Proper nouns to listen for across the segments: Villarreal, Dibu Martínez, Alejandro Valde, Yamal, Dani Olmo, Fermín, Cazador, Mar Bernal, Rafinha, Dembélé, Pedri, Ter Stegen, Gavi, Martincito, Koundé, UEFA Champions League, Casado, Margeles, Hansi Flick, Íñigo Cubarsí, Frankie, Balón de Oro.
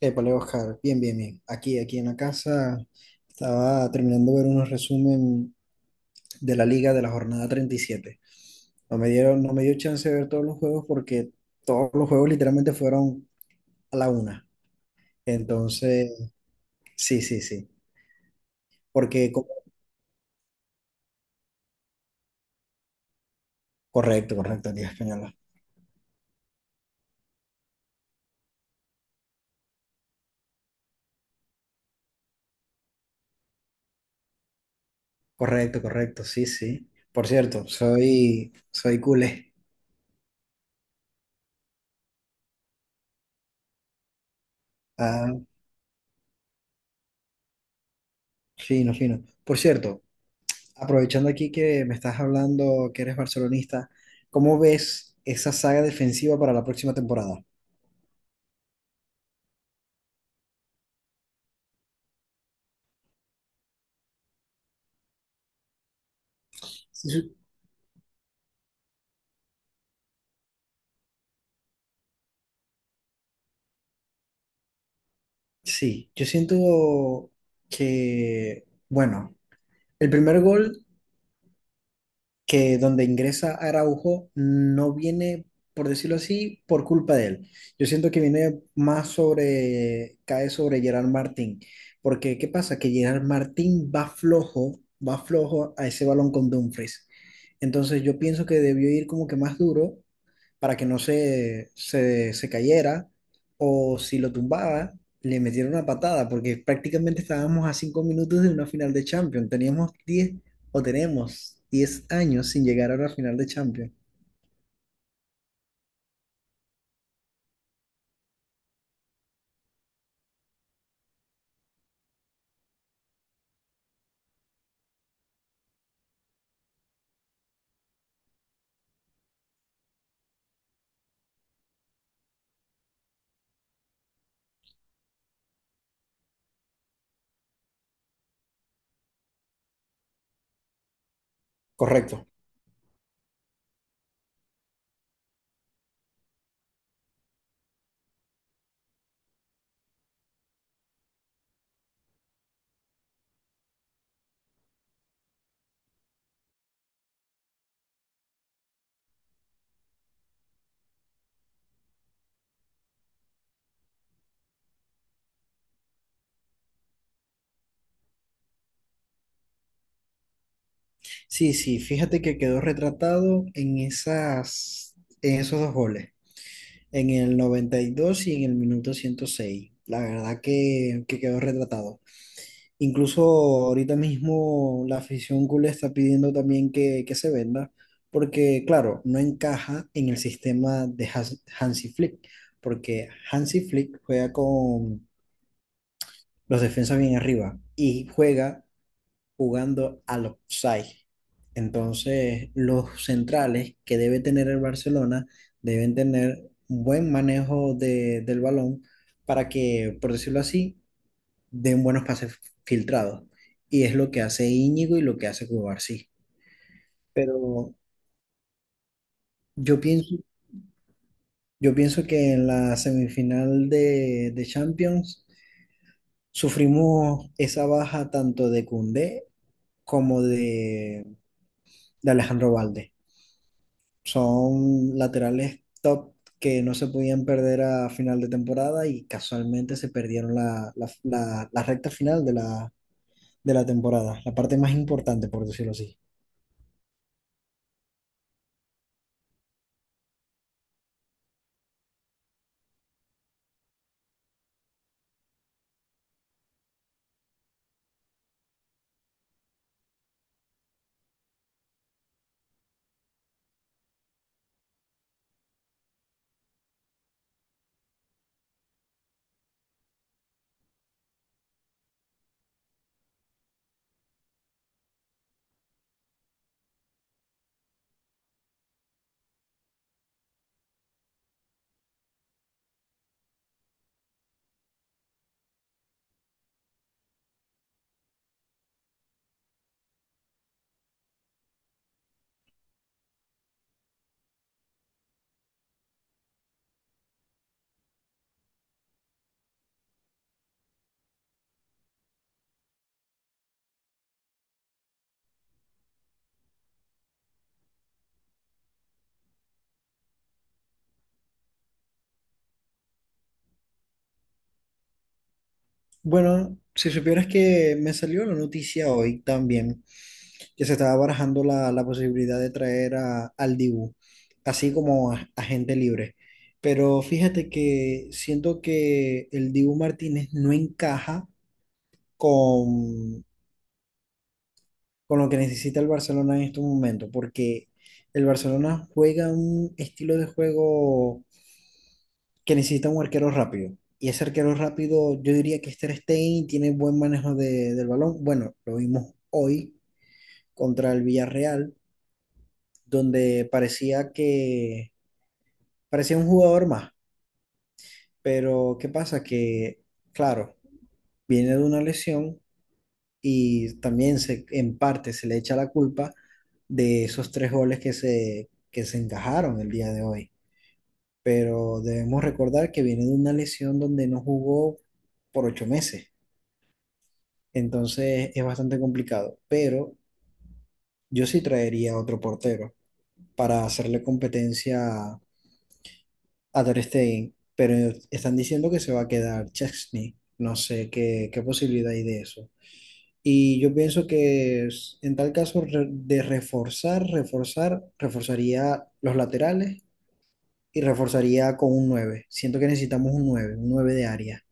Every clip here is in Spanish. Épale, Oscar, bien, bien, bien. Aquí en la casa estaba terminando de ver unos resumen de la liga de la jornada 37. No me dio chance de ver todos los juegos porque todos los juegos literalmente fueron a la 1. Entonces, sí, sí, sí. Porque, co- Correcto, correcto, Liga Española. Correcto, correcto, sí, sí. Por cierto, soy culé. Ah, fino, fino. Por cierto, aprovechando aquí que me estás hablando que eres barcelonista, ¿cómo ves esa saga defensiva para la próxima temporada? Sí, sí, yo siento que, bueno, el primer gol que donde ingresa Araujo no viene, por decirlo así, por culpa de él. Yo siento que viene más sobre, cae sobre Gerard Martín, porque ¿qué pasa? Que Gerard Martín va flojo a ese balón con Dumfries. Entonces yo pienso que debió ir como que más duro para que no se cayera, o si lo tumbaba, le metieron una patada, porque prácticamente estábamos a 5 minutos de una final de Champions. Teníamos 10 o tenemos 10 años sin llegar a una final de Champions. Correcto. Sí, sí, fíjate que quedó retratado en esas, en esos dos goles, en el 92 y en el minuto 106. La verdad que quedó retratado. Incluso ahorita mismo la afición culé está pidiendo también que se venda, porque claro, no encaja en el sistema de Hansi Flick, porque Hansi Flick juega con los defensas bien arriba y juega jugando al offside. Entonces, los centrales que debe tener el Barcelona deben tener un buen manejo del balón para que, por decirlo así, den buenos pases filtrados. Y es lo que hace Íñigo y lo que hace Cubarsí. Pero yo pienso, yo pienso que en la semifinal de Champions sufrimos esa baja tanto de Koundé como de Alejandro Valde. Son laterales top que no se podían perder a final de temporada y casualmente se perdieron la recta final de la temporada, la parte más importante, por decirlo así. Bueno, si supieras que me salió la noticia hoy también, que se estaba barajando la posibilidad de traer al Dibu, así como a gente libre. Pero fíjate que siento que el Dibu Martínez no encaja con, con lo que necesita el Barcelona en estos momentos, porque el Barcelona juega un estilo de juego que necesita un arquero rápido. Y ese arquero rápido, yo diría que es Ter Stegen tiene buen manejo del balón. Bueno, lo vimos hoy contra el Villarreal, donde parecía un jugador más. Pero ¿qué pasa? Que, claro, viene de una lesión y también se, en parte se le echa la culpa de esos 3 goles que se encajaron el día de hoy. Pero debemos recordar que viene de una lesión donde no jugó por 8 meses. Entonces es bastante complicado, pero yo sí traería otro portero para hacerle competencia a Ter Stegen, pero están diciendo que se va a quedar Chesney. No sé qué posibilidad hay de eso. Y yo pienso que es- en tal caso re- de reforzar, reforzar, reforzaría los laterales y reforzaría con un 9. Siento que necesitamos un 9, un 9 de área.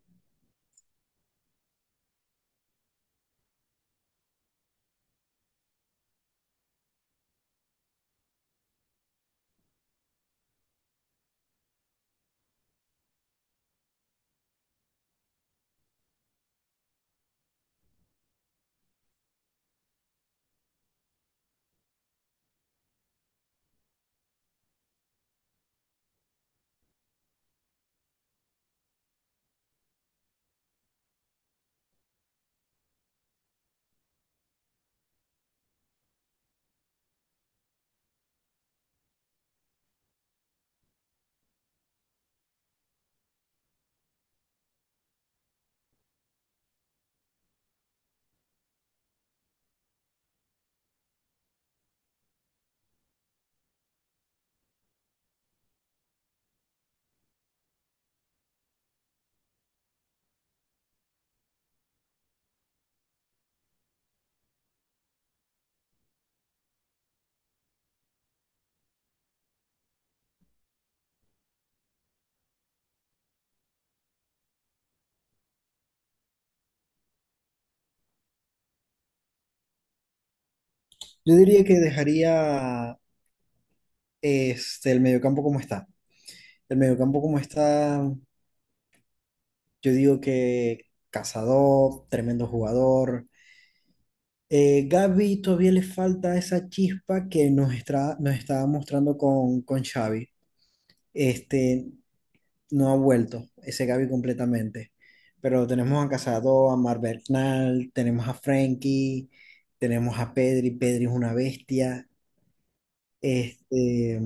Yo diría que dejaría este, el mediocampo como está. El mediocampo como está, yo digo que Cazador, tremendo jugador. Gavi todavía le falta esa chispa que nos estaba mostrando con Xavi. Este, no ha vuelto ese Gaby completamente. Pero tenemos a Casado, a Mar Bernal, tenemos a Frankie, tenemos a Pedri, Pedri es una bestia, este,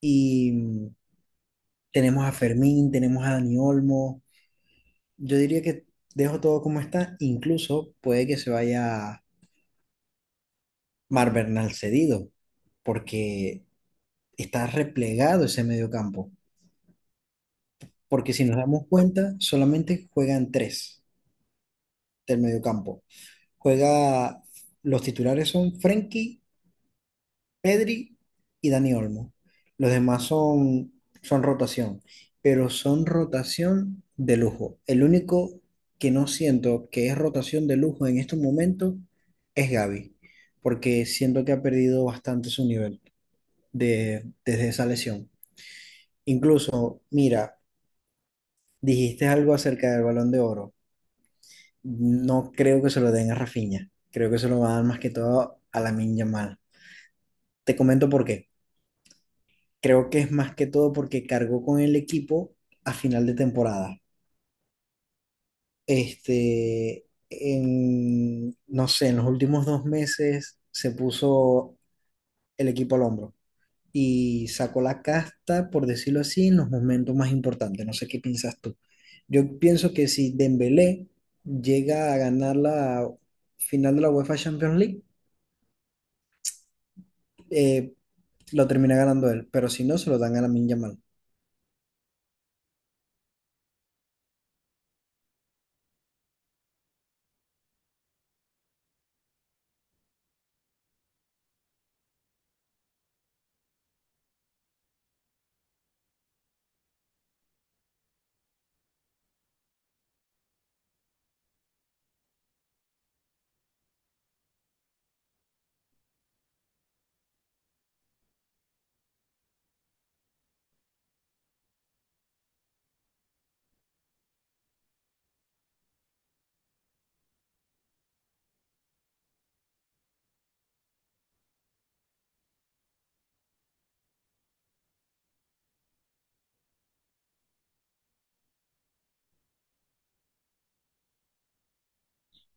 y tenemos a Fermín, tenemos a Dani Olmo. Yo diría que dejo todo como está, incluso puede que se vaya Mar Bernal cedido, porque está replegado ese mediocampo. Porque si nos damos cuenta, solamente juegan 3 del mediocampo. Juega, los titulares son Frenkie, Pedri y Dani Olmo. Los demás son, son rotación, pero son rotación de lujo. El único que no siento que es rotación de lujo en estos momentos es Gavi, porque siento que ha perdido bastante su nivel desde esa lesión. Incluso, mira, dijiste algo acerca del Balón de Oro. No creo que se lo den a Rafinha. Creo que se lo van a dar más que todo a la Yamal. Te comento por qué. Creo que es más que todo porque cargó con el equipo a final de temporada. Este, en, no sé, en los últimos 2 meses se puso el equipo al hombro y sacó la casta, por decirlo así, en los momentos más importantes. No sé qué piensas tú. Yo pienso que si Dembélé llega a ganar la final de la UEFA Champions League, eh, lo termina ganando él, pero si no, se lo dan a la Yamal.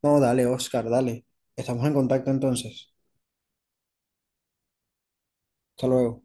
No, dale, Oscar, dale. Estamos en contacto entonces. Hasta luego.